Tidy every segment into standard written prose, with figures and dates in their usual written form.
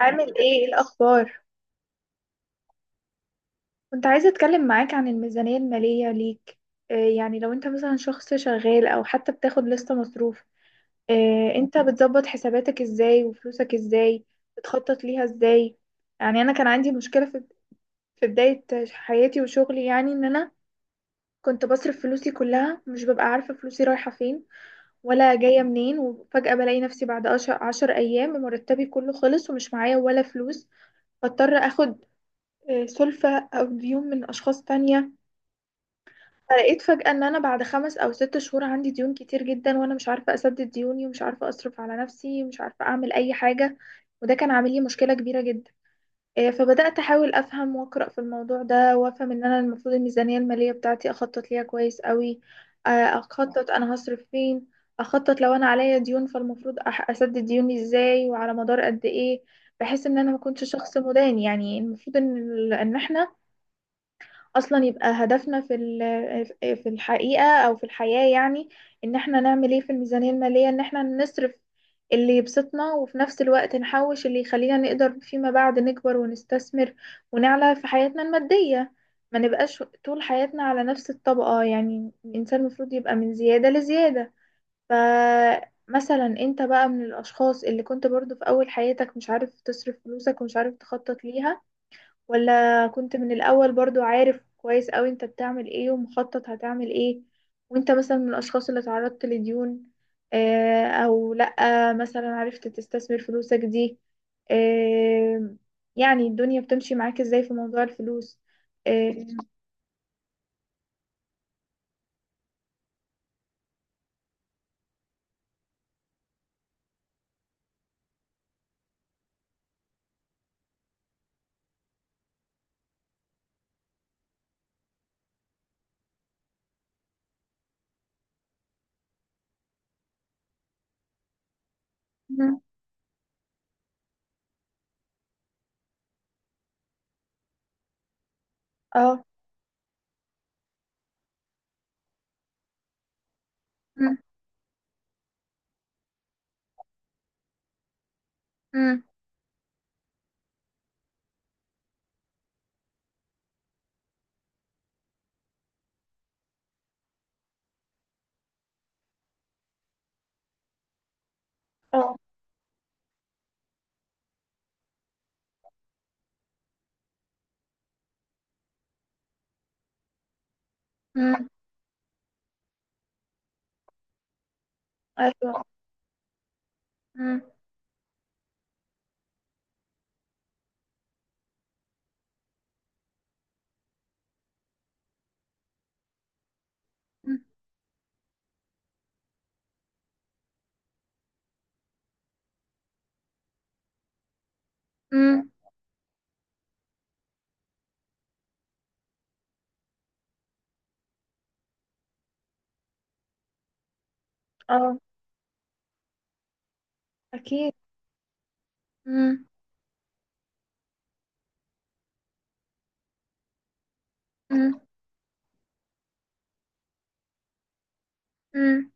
عامل ايه الاخبار؟ كنت عايزه اتكلم معاك عن الميزانيه الماليه ليك. يعني لو انت مثلا شخص شغال او حتى بتاخد لستة مصروف، انت بتظبط حساباتك ازاي وفلوسك ازاي؟ بتخطط ليها ازاي؟ يعني انا كان عندي مشكله في بدايه حياتي وشغلي، يعني ان انا كنت بصرف فلوسي كلها، مش ببقى عارفه فلوسي رايحه فين ولا جايه منين، وفجاه بلاقي نفسي بعد عشر ايام مرتبي كله خلص ومش معايا ولا فلوس. بضطر اخد سلفة أو ديون من أشخاص تانية. فلقيت فجأة إن أنا بعد 5 أو 6 شهور عندي ديون كتير جدا، وأنا مش عارفة أسدد ديوني، ومش عارفة أصرف على نفسي، ومش عارفة أعمل أي حاجة. وده كان عامل لي مشكلة كبيرة جدا. فبدأت أحاول أفهم وأقرأ في الموضوع ده، وأفهم إن أنا المفروض الميزانية المالية بتاعتي أخطط ليها كويس قوي. آه، أخطط أنا هصرف فين. أخطط لو أنا عليا ديون، فالمفروض أسدد ديوني إزاي وعلى مدار قد إيه، بحيث إن أنا ما كنتش شخص مدان. يعني المفروض إن إحنا اصلا يبقى هدفنا في ال- آه، في الحقيقة او في الحياة، يعني ان احنا نعمل ايه في الميزانية المالية، ان احنا نصرف اللي يبسطنا، وفي نفس الوقت نحوش اللي يخلينا نقدر فيما بعد نكبر ونستثمر ونعلى في حياتنا المادية. ما نبقاش طول حياتنا على نفس الطبقة، يعني الانسان المفروض يبقى من زيادة لزيادة. فمثلا انت بقى، من الاشخاص اللي كنت برضو في اول حياتك مش عارف تصرف فلوسك ومش عارف تخطط ليها، ولا كنت من الأول برضو عارف كويس أوي انت بتعمل ايه ومخطط هتعمل ايه؟ وانت مثلا من الأشخاص اللي تعرضت لديون أو لأ؟ مثلا عرفت تستثمر فلوسك دي؟ آه، يعني الدنيا بتمشي معاك ازاي في موضوع الفلوس؟ اه. مم. اه. مم. مم. آه. مم. ايوه. مم. مم. مم. اه. اكيد. مم. مم. مم.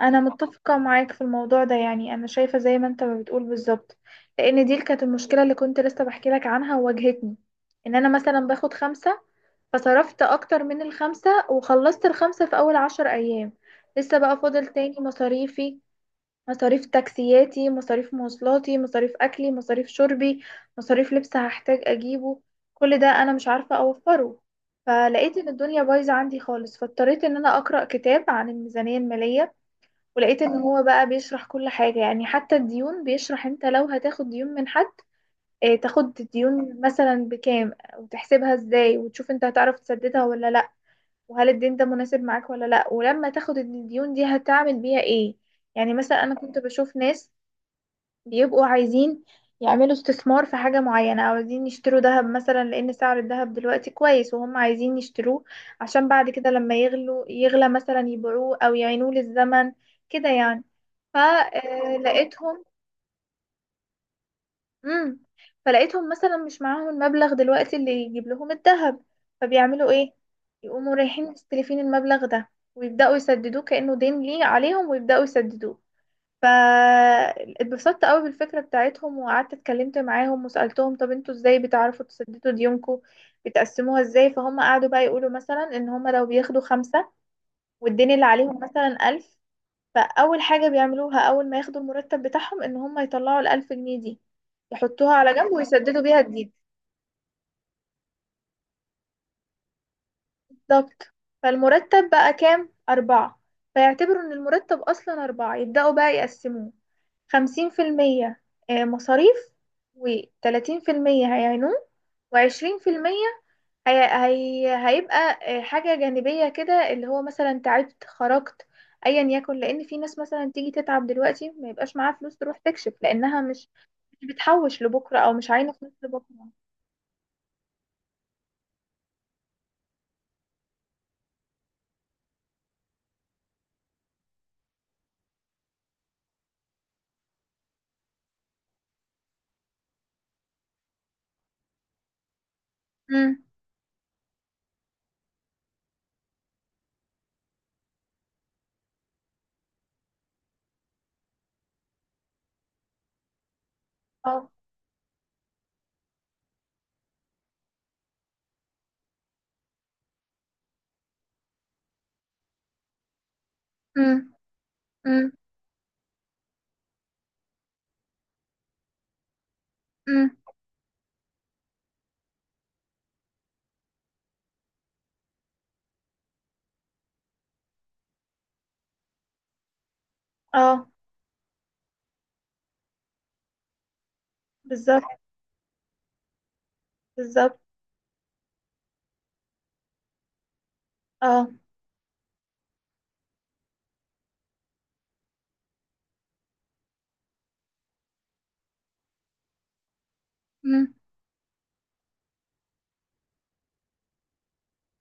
انا متفقه معاك في الموضوع ده، يعني انا شايفه زي ما انت ما بتقول بالظبط، لان دي كانت المشكله اللي كنت لسه بحكي لك عنها وواجهتني. ان انا مثلا باخد خمسة، فصرفت اكتر من الخمسة، وخلصت الخمسة في اول 10 ايام. لسه بقى فاضل تاني مصاريفي: مصاريف تاكسياتي، مصاريف مواصلاتي، مصاريف اكلي، مصاريف شربي، مصاريف لبس هحتاج اجيبه. كل ده انا مش عارفه اوفره. فلقيت ان الدنيا بايظه عندي خالص، فاضطريت ان انا اقرا كتاب عن الميزانيه الماليه. ولقيت ان هو بقى بيشرح كل حاجة، يعني حتى الديون بيشرح انت لو هتاخد ديون من حد. اه، تاخد الديون مثلا بكام، وتحسبها ازاي، وتشوف انت هتعرف تسددها ولا لا، وهل الدين ده مناسب معاك ولا لا، ولما تاخد الديون دي هتعمل بيها ايه. يعني مثلا انا كنت بشوف ناس بيبقوا عايزين يعملوا استثمار في حاجة معينة، أو عايزين يشتروا ذهب مثلا لأن سعر الذهب دلوقتي كويس، وهم عايزين يشتروه عشان بعد كده لما يغلو يغلى مثلا يبيعوه أو يعينوه للزمن، كده يعني. فلقيتهم امم فلقيتهم مثلا مش معاهم المبلغ دلوقتي اللي يجيب لهم الذهب، فبيعملوا ايه؟ يقوموا رايحين مستلفين المبلغ ده، ويبداوا يسددوه كانه دين ليه عليهم، ويبداوا يسددوه. فاتبسطت قوي بالفكره بتاعتهم، وقعدت اتكلمت معاهم وسالتهم: طب انتوا ازاي بتعرفوا تسددوا ديونكم؟ بتقسموها ازاي؟ فهم قعدوا بقى يقولوا مثلا، ان هم لو بياخدوا خمسة والدين اللي عليهم مثلا ألف، فأول حاجة بيعملوها أول ما ياخدوا المرتب بتاعهم إن هم يطلعوا الألف جنيه دي، يحطوها على جنب ويسددوا بيها جديد. بالظبط. فالمرتب بقى كام؟ أربعة. فيعتبروا إن المرتب أصلا أربعة، يبدأوا بقى يقسموه: 50% مصاريف، وتلاتين في المية هيعينوه، و20% هي هيبقى حاجة جانبية كده، اللي هو مثلا تعبت خرجت ايا يكن، لان في ناس مثلا تيجي تتعب دلوقتي ما يبقاش معاها فلوس تروح تكشف لانها مش، مش بتحوش لبكرة او مش عاينة فلوس لبكرة. امم. اه. امم. امم. امم. اه. بالظبط. بالظبط. اه. امم.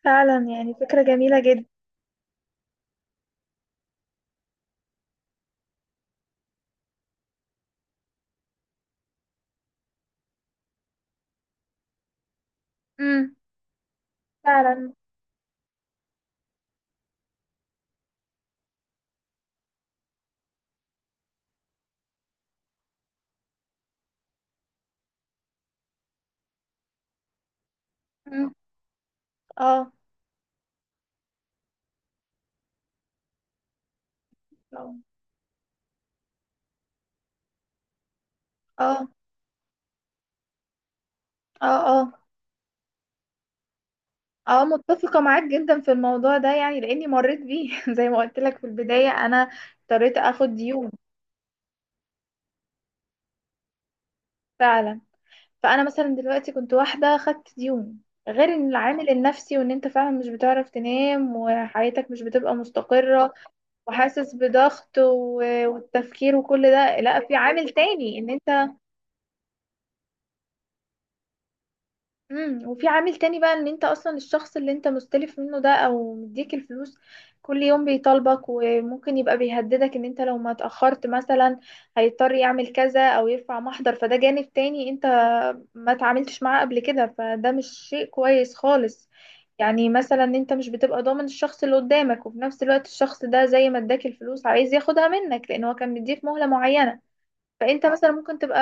فعلا، يعني فكرة جميلة جدا. امم. فعلا. امم. اه. اه. اه. اه. اه. متفقة معاك جدا في الموضوع ده، يعني لاني مريت بيه زي ما قلت لك في البداية، انا اضطريت اخد ديون. فعلا، فانا مثلا دلوقتي كنت واحدة خدت ديون، غير ان العامل النفسي، وان انت فعلا مش بتعرف تنام وحياتك مش بتبقى مستقرة، وحاسس بضغط والتفكير وكل ده، لا، في عامل تاني ان انت. امم. وفي عامل تاني بقى ان انت اصلا الشخص اللي انت مستلف منه ده او مديك الفلوس، كل يوم بيطالبك وممكن يبقى بيهددك ان انت لو ما اتأخرت مثلا هيضطر يعمل كذا او يرفع محضر، فده جانب تاني انت ما تعاملتش معاه قبل كده، فده مش شيء كويس خالص. يعني مثلا انت مش بتبقى ضامن الشخص اللي قدامك، وفي نفس الوقت الشخص ده زي ما اداك الفلوس عايز ياخدها منك، لان هو كان مديك مهلة معينة. فانت مثلا ممكن تبقى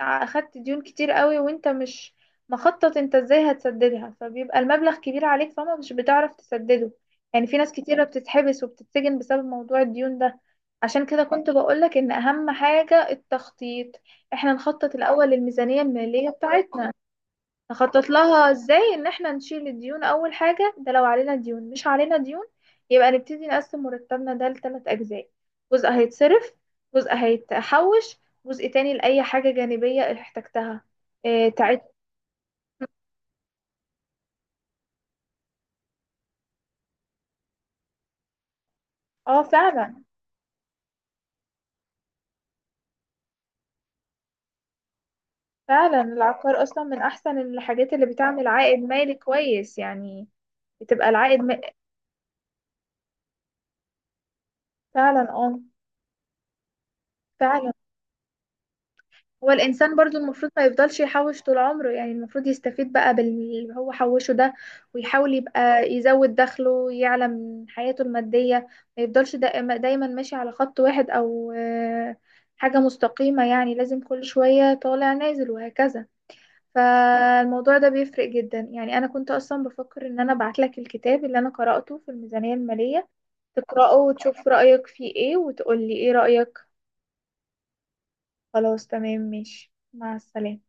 اخدت ديون كتير قوي وانت مش مخطط انت ازاي هتسددها، فبيبقى المبلغ كبير عليك فما مش بتعرف تسدده. يعني في ناس كتيرة بتتحبس وبتتسجن بسبب موضوع الديون ده. عشان كده كنت بقولك ان اهم حاجة التخطيط. احنا نخطط الاول للميزانية المالية بتاعتنا. نخطط لها ازاي؟ ان احنا نشيل الديون اول حاجة، ده لو علينا ديون. مش علينا ديون يبقى نبتدي نقسم مرتبنا ده لثلاث اجزاء: جزء هيتصرف، جزء هيتحوش، جزء تاني لأي حاجة جانبية احتجتها. اه تعبت. اه. فعلا. فعلا العقار اصلا من احسن الحاجات اللي بتعمل عائد مالي كويس يعني، بتبقى العائد فعلا. اه. فعلا. هو الإنسان برضو المفروض ما يفضلش يحوش طول عمره، يعني المفروض يستفيد بقى باللي هو حوشه ده، ويحاول يبقى يزود دخله يعلى من حياته المادية. ما يفضلش دايما ماشي على خط واحد أو حاجة مستقيمة، يعني لازم كل شوية طالع نازل وهكذا. فالموضوع ده بيفرق جدا، يعني أنا كنت أصلا بفكر إن أنا أبعتلك الكتاب اللي أنا قرأته في الميزانية المالية، تقرأه وتشوف رأيك فيه إيه وتقولي إيه رأيك. خلاص، تمام، ماشي، مع السلامة.